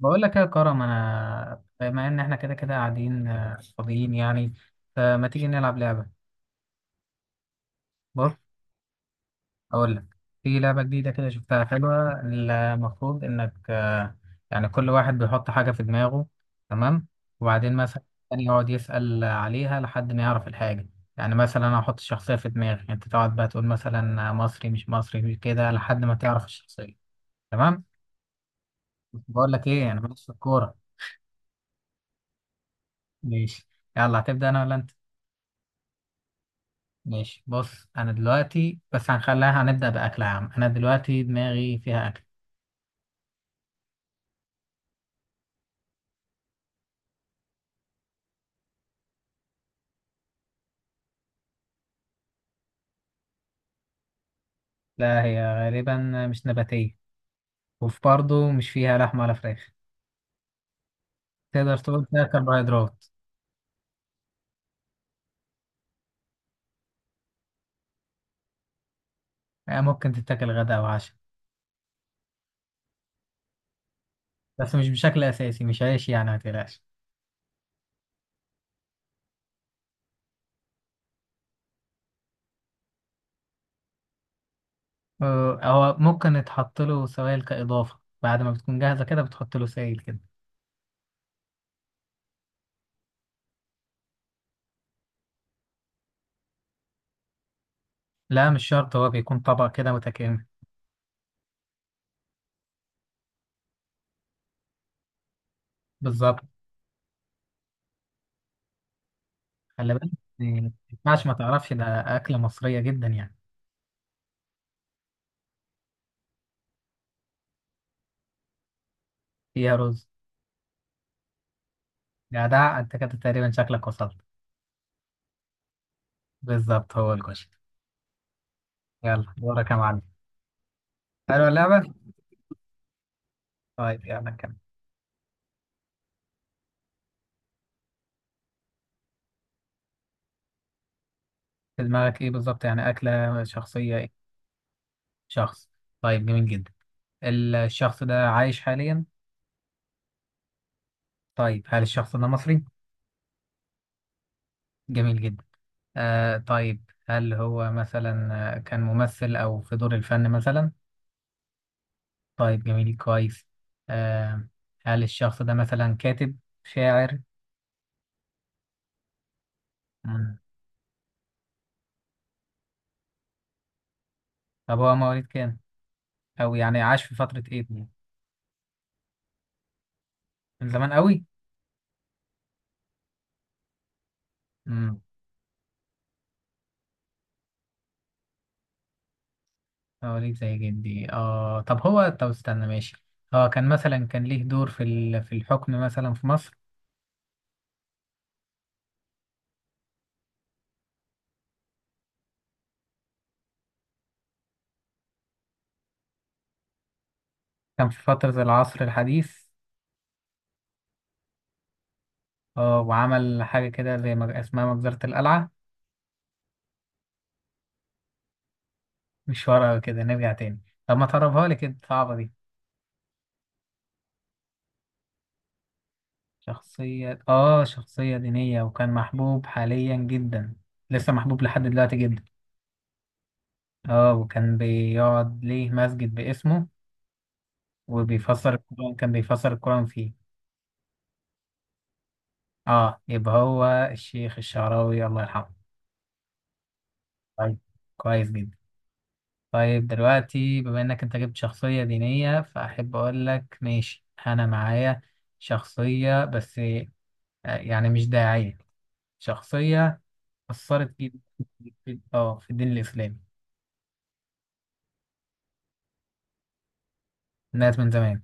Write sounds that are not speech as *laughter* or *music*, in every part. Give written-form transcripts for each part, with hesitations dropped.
بقول لك إيه يا كرم؟ انا بما ان احنا كده كده قاعدين فاضيين يعني. فما تيجي نلعب لعبه. بص، اقول لك. في لعبه جديده كده، شفتها حلوه. المفروض انك يعني كل واحد بيحط حاجه في دماغه، تمام؟ وبعدين مثلا التاني يقعد يسال عليها لحد ما يعرف الحاجه. يعني مثلا انا احط الشخصيه في دماغي، انت تقعد بقى تقول مثلا مصري، مش مصري، مش كده، لحد ما تعرف الشخصيه. تمام. بقول لك ايه، انا ماليش في الكوره. ماشي. يلا، هتبدا انا ولا انت؟ ماشي. بص، انا دلوقتي بس هنخليها، هنبدأ بأكل عام. انا دلوقتي دماغي فيها اكل. لا، هي غالبا مش نباتية، وفي برضه مش فيها لحم ولا فراخ. تقدر تقول فيها كربوهيدرات. ممكن تتاكل غدا او عشاء، بس مش بشكل اساسي، مش عيش يعني، ما تقلقش. هو ممكن يتحط له سوائل كإضافة، بعد ما بتكون جاهزة كده بتحط له سائل كده. لا، مش شرط، هو بيكون طبق كده متكامل. بالظبط. خلي بالك. ما ينفعش ما تعرفش ده، أكلة مصرية جدا يعني. فيها رز. جدع انت، كده تقريبا شكلك وصلت. بالظبط، هو الكشري. يلا دورك يا معلم. حلوة اللعبة. طيب يلا كمل. في دماغك ايه بالظبط؟ يعني أكلة، شخصية، ايه؟ شخص. طيب جميل جدا. الشخص ده عايش حاليا؟ طيب، هل الشخص ده مصري؟ جميل جدا. آه طيب، هل هو مثلا كان ممثل أو في دور الفن مثلا؟ طيب جميل، كويس. آه، هل الشخص ده مثلا كاتب، شاعر؟ مم. طب هو مواليد كام؟ أو يعني عاش في فترة ايه؟ من زمان قوي؟ امم. هوريك زي جدي، اه. طب هو، طب استنى، ماشي. هو كان مثلا كان ليه دور في في الحكم مثلا في مصر؟ كان في فترة العصر الحديث؟ اه، وعمل حاجة كده زي ما اسمها مجزرة القلعة؟ مش ورقة كده، نرجع تاني. طب ما تقربها لي كده، صعبة دي. شخصية، اه. شخصية دينية وكان محبوب حاليا جدا. لسه محبوب لحد دلوقتي جدا. اه، وكان بيقعد ليه مسجد باسمه، وبيفسر القرآن، كان بيفسر القرآن فيه. اه يبقى هو الشيخ الشعراوي، الله يرحمه. طيب، كويس جدا. طيب دلوقتي بما انك انت جبت شخصية دينية، فاحب اقول لك ماشي، انا معايا شخصية بس يعني مش داعية، شخصية أثرت جدا في اه في الدين الإسلامي. الناس من زمان.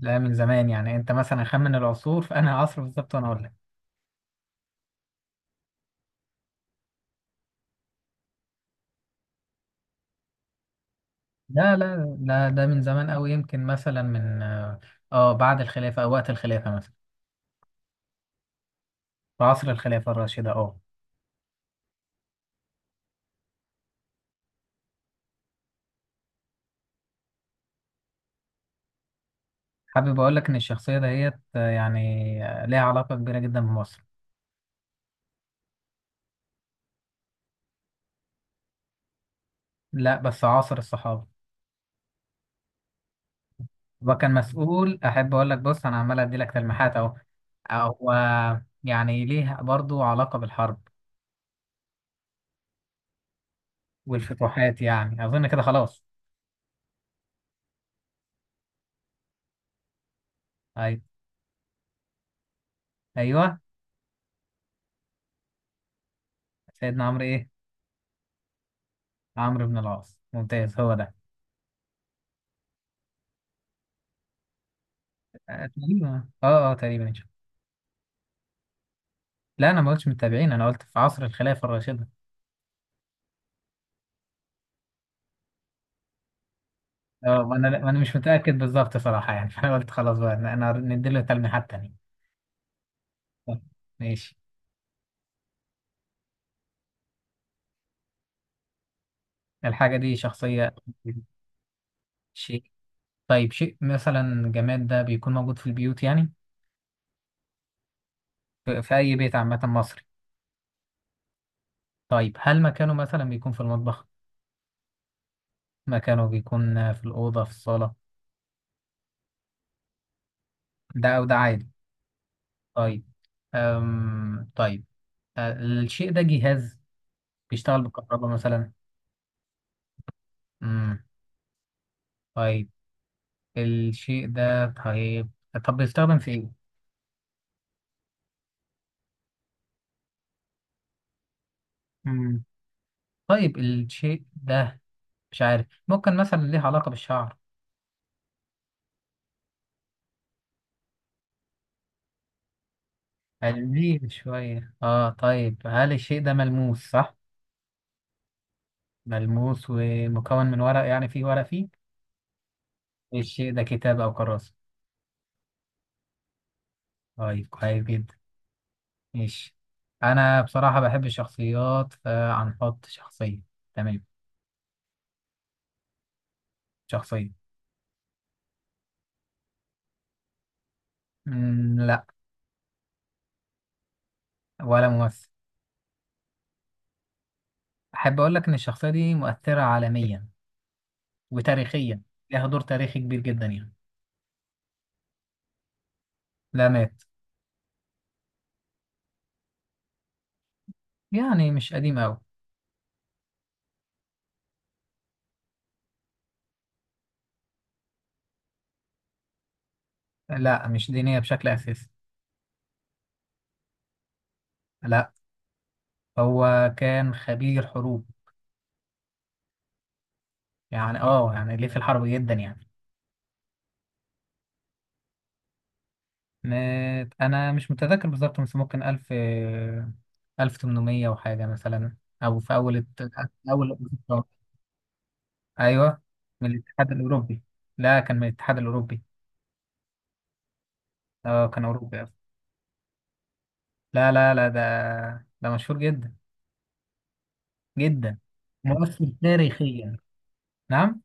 لا، من زمان. يعني انت مثلا خمن العصور، فانا عصر بالظبط وانا اقول لك. لا لا لا، ده من زمان قوي، يمكن مثلا من اه بعد الخلافة او وقت الخلافة مثلا. في عصر الخلافة الراشدة، اه. حابب اقول لك ان الشخصيه دهيت يعني ليها علاقه كبيره جدا بمصر. لا، بس عاصر الصحابه. وكان مسؤول، احب اقول لك، بص انا عمال ادي لك تلميحات اهو. هو يعني ليه برضو علاقه بالحرب والفتوحات، يعني اظن كده خلاص. ايوه. ايوه. سيدنا عمرو ايه؟ عمرو بن العاص، ممتاز، هو ده. تقريبا اه اه تقريبا إن شاء الله. لا، انا ما قلتش متابعين، انا قلت في عصر الخلافه الراشده. اه ما انا، ما انا مش متاكد بالظبط صراحه يعني *laughs* فانا قلت خلاص بقى، أنا نديله تلميحات تانية. طب، ماشي. الحاجة دي شخصية؟ شيء. طيب، شيء مثلا جماد ده بيكون موجود في البيوت يعني؟ في في أي بيت عامة مصري؟ طيب، هل مكانه مثلا بيكون في المطبخ؟ مكانه بيكون في الأوضة، في الصالة؟ ده أو ده عادي. طيب. أم طيب. أه، الشيء ده جهاز بيشتغل بالكهرباء مثلا؟ امم. طيب الشيء ده، طيب، طب بيستخدم في إيه؟ امم. طيب الشيء ده، مش عارف، ممكن مثلا ليه علاقة بالشعر؟ قلبيه شوية، اه. طيب هل الشيء ده ملموس، صح؟ ملموس ومكون من ورق، يعني فيه ورق فيه؟ الشيء ده كتاب أو كراسة؟ طيب كويس جدا. ماشي. أنا بصراحة بحب الشخصيات، فهنحط شخصية. تمام. شخصية. مم لا. ولا ممثل. أحب أقول لك إن الشخصية دي مؤثرة عالميا وتاريخيا، لها دور تاريخي كبير جدا يعني. لا، مات. يعني مش قديم أوي. لا، مش دينية بشكل أساسي. لا. هو كان خبير حروب. يعني اه، يعني ليه في الحرب جدا يعني. انا مش متذكر بالظبط، بس ممكن الف، الف تمنمية وحاجة مثلا، او في اول اول. ايوه. من الاتحاد الاوروبي. لا، كان من الاتحاد الاوروبي. اه، كان اوروبي أصلاً. لا لا لا، ده، ده مشهور جدا جدا، مؤثر تاريخيا. نعم.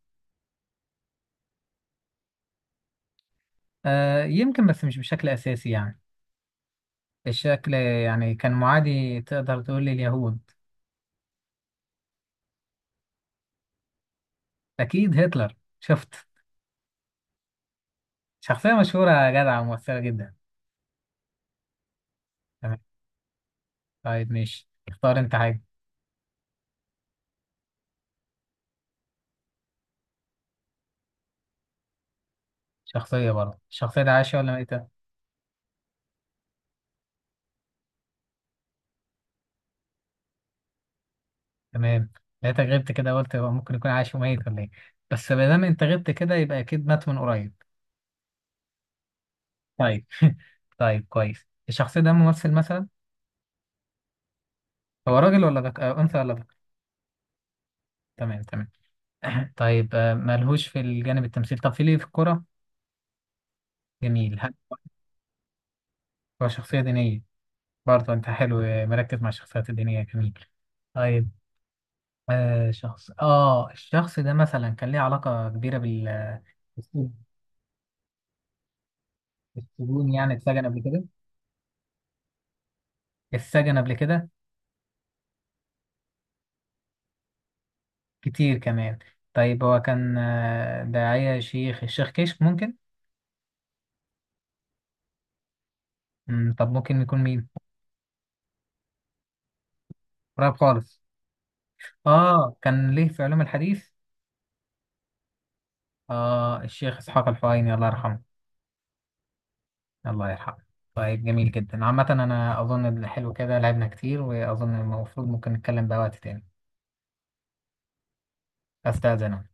آه يمكن، بس مش بشكل اساسي يعني. الشكل يعني كان معادي، تقدر تقول لليهود. اكيد هتلر، شفت؟ شخصية مشهورة يا جدع ومؤثرة جدا. تمام. طيب ماشي، اختار انت حاجة. شخصية برضه. الشخصية دي عايشة ولا ميتة؟ تمام. لقيتك غبت كده، قلت هو ممكن يكون عايش وميت ولا ايه، بس ما دام انت غبت كده يبقى اكيد مات من قريب. طيب *laughs* طيب كويس. الشخص ده ممثل مثلا؟ هو راجل ولا آه، أنثى ولا ذكر؟ تمام تمام. *clears throat* طيب ملهوش في الجانب التمثيل، طب في ليه في الكورة؟ جميل. هل هو شخصية دينية؟ برضه أنت حلو، مركز مع الشخصيات الدينية، جميل. طيب، آه شخص، آه الشخص ده مثلا كان ليه علاقة كبيرة بال السجون، يعني اتسجن قبل كده؟ اتسجن قبل كده كتير كمان. طيب هو كان داعية، شيخ، الشيخ كشك ممكن؟ مم، طب ممكن يكون مين؟ قريب خالص. اه، كان ليه في علوم الحديث. اه الشيخ اسحاق الفهيمي، الله يرحمه. الله يرحمه. طيب جميل جدا. عامة انا اظن إن حلو كده، لعبنا كتير، واظن المفروض ممكن نتكلم بقى وقت تاني. استاذن أنا.